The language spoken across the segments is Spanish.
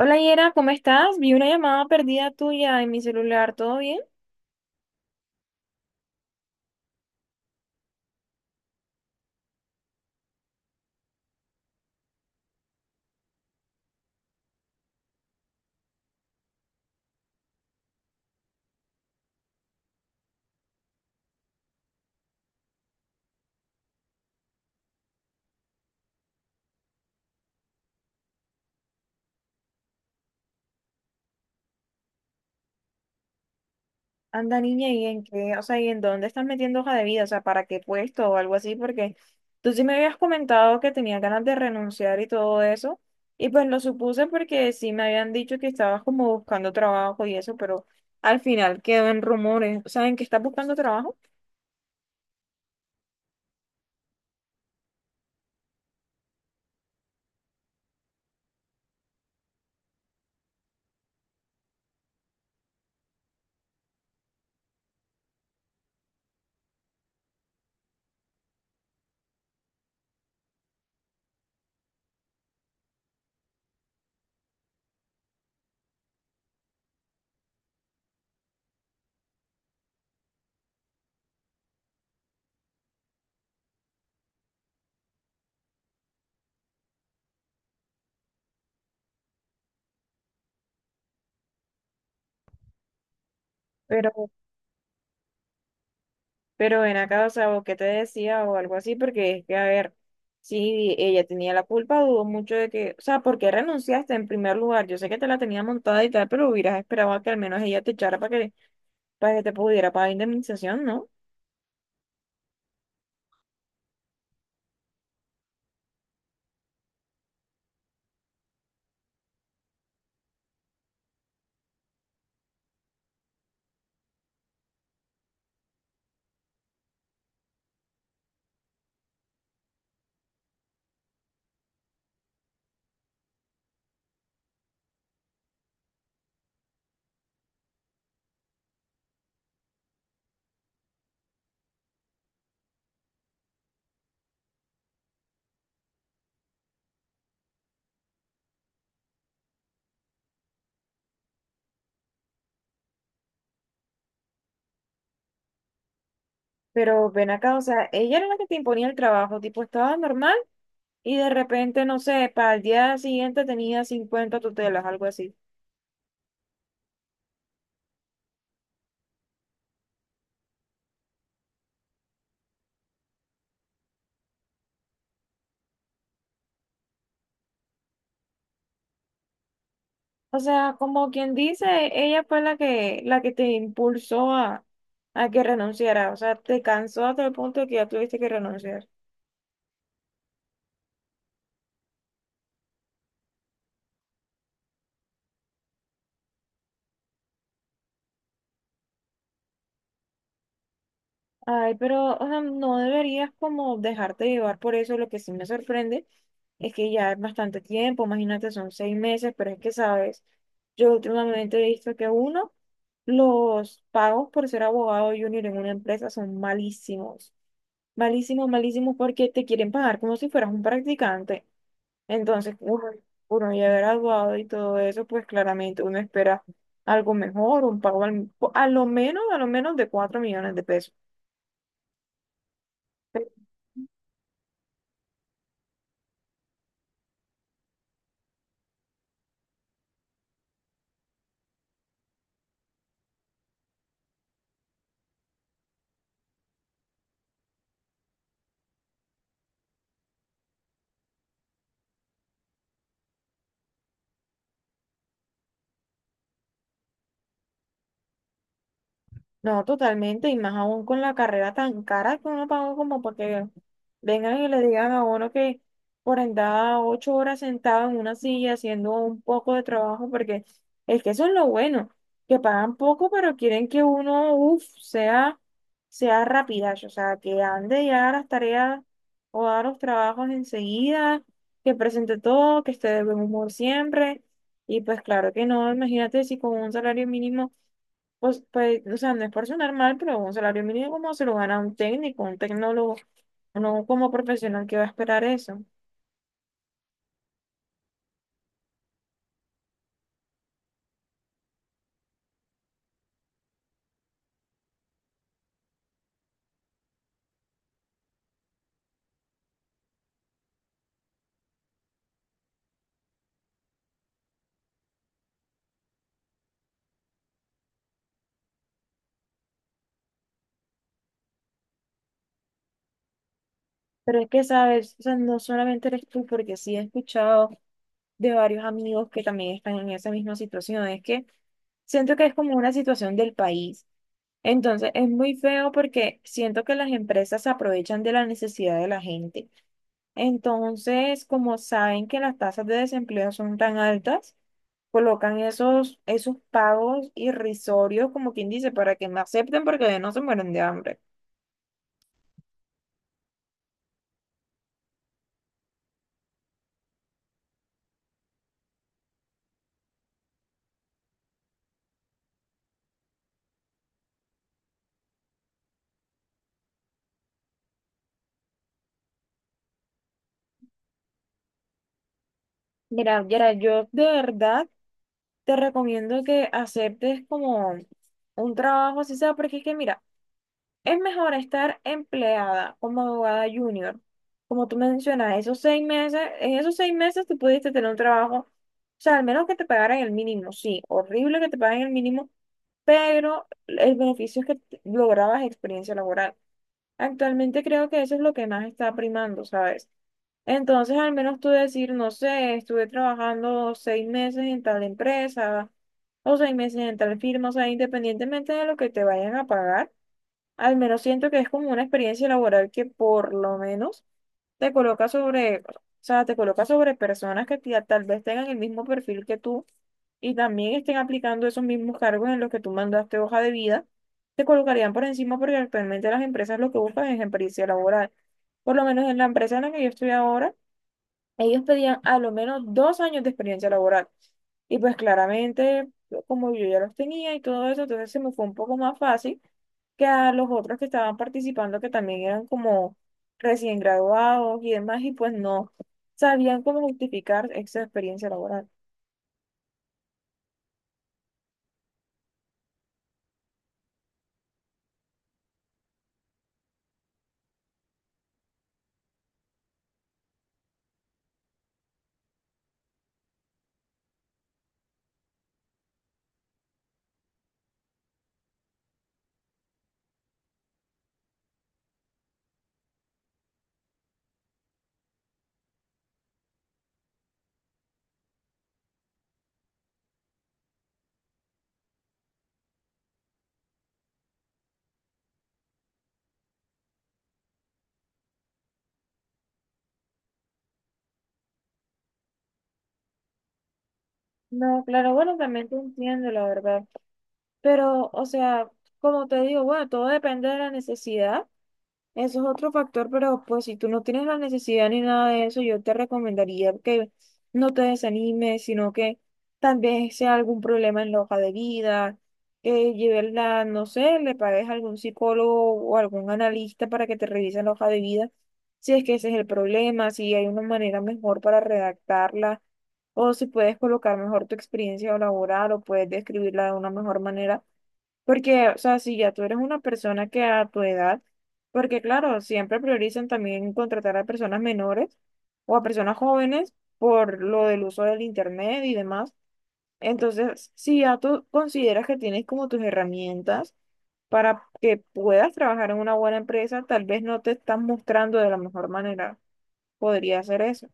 Hola Yera, ¿cómo estás? Vi una llamada perdida tuya en mi celular, ¿todo bien? Anda niña, ¿y en qué? O sea, ¿y en dónde estás metiendo hoja de vida? O sea, ¿para qué puesto o algo así? Porque tú sí me habías comentado que tenías ganas de renunciar y todo eso, y pues lo supuse porque sí me habían dicho que estabas como buscando trabajo y eso, pero al final quedó en rumores. O sea, ¿en qué estás buscando trabajo? Pero Pero ven acá, o sea, ¿o qué te decía o algo así? Porque es que, a ver, si ella tenía la culpa, dudo mucho de que, o sea, ¿por qué renunciaste en primer lugar? Yo sé que te la tenía montada y tal, pero hubieras esperado a que al menos ella te echara para que te pudiera pagar indemnización, ¿no? Pero ven acá, o sea, ella era la que te imponía el trabajo, tipo, estaba normal y de repente, no sé, para el día siguiente tenía 50 tutelas, algo así. O sea, como quien dice, ella fue la que te impulsó a que renunciara. O sea, te cansó hasta el punto de que ya tuviste que renunciar. Ay, pero o sea, no deberías como dejarte llevar por eso. Lo que sí me sorprende es que ya es bastante tiempo, imagínate, son 6 meses, pero es que, sabes, yo últimamente he visto que uno, los pagos por ser abogado junior en una empresa son malísimos, malísimos, malísimos porque te quieren pagar como si fueras un practicante. Entonces, uno ya graduado y todo eso, pues claramente uno espera algo mejor, un pago a lo menos de 4 millones de pesos. No, totalmente, y más aún con la carrera tan cara que uno pagó como para que vengan y le digan a uno que por andar 8 horas sentado en una silla haciendo un poco de trabajo, porque es que eso es lo bueno, que pagan poco, pero quieren que uno, uff, sea, sea rapidazo, o sea, que ande ya haga las tareas o haga los trabajos enseguida, que presente todo, que esté de buen humor siempre, y pues claro que no, imagínate si con un salario mínimo. Pues, o sea, no es por sonar mal, pero un salario mínimo como se lo gana un técnico, un tecnólogo, no como profesional que va a esperar eso. Pero es que, sabes, o sea, no solamente eres tú, porque sí he escuchado de varios amigos que también están en esa misma situación. Es que siento que es como una situación del país. Entonces, es muy feo porque siento que las empresas se aprovechan de la necesidad de la gente. Entonces, como saben que las tasas de desempleo son tan altas, colocan esos pagos irrisorios, como quien dice, para que me acepten porque no se mueren de hambre. Mira, Yara, yo de verdad te recomiendo que aceptes como un trabajo así sea, porque es que mira, es mejor estar empleada como abogada junior. Como tú mencionas, esos 6 meses, en esos 6 meses tú pudiste tener un trabajo, o sea, al menos que te pagaran el mínimo, sí, horrible que te paguen el mínimo, pero el beneficio es que lograbas experiencia laboral. Actualmente creo que eso es lo que más está primando, ¿sabes? Entonces, al menos tú decir, no sé, estuve trabajando 6 meses en tal empresa o 6 meses en tal firma, o sea, independientemente de lo que te vayan a pagar, al menos siento que es como una experiencia laboral que por lo menos te coloca sobre, o sea, te coloca sobre personas que tal vez tengan el mismo perfil que tú y también estén aplicando esos mismos cargos en los que tú mandaste hoja de vida, te colocarían por encima porque actualmente las empresas lo que buscan es experiencia laboral. Por lo menos en la empresa en la que yo estoy ahora, ellos pedían a lo menos 2 años de experiencia laboral. Y pues claramente, como yo ya los tenía y todo eso, entonces se me fue un poco más fácil que a los otros que estaban participando, que también eran como recién graduados y demás, y pues no sabían cómo justificar esa experiencia laboral. No, claro, bueno, también te entiendo, la verdad. Pero, o sea, como te digo, bueno, todo depende de la necesidad. Eso es otro factor, pero pues si tú no tienes la necesidad ni nada de eso, yo te recomendaría que no te desanimes, sino que tal vez sea algún problema en la hoja de vida, que lleves la, no sé, le pagues a algún psicólogo o algún analista para que te revise la hoja de vida, si es que ese es el problema, si hay una manera mejor para redactarla, o si puedes colocar mejor tu experiencia laboral o puedes describirla de una mejor manera porque, o sea, si ya tú eres una persona que a tu edad, porque claro, siempre priorizan también contratar a personas menores o a personas jóvenes por lo del uso del internet y demás. Entonces, si ya tú consideras que tienes como tus herramientas para que puedas trabajar en una buena empresa, tal vez no te estás mostrando de la mejor manera. Podría ser eso.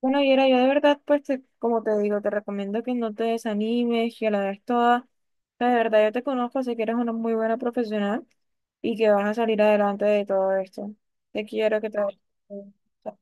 Bueno, Yera, yo de verdad, pues, como te digo, te recomiendo que no te desanimes, que la des toda. O sea, de verdad, yo te conozco, sé que eres una muy buena profesional y que vas a salir adelante de todo esto. Te quiero que te... vaya bien.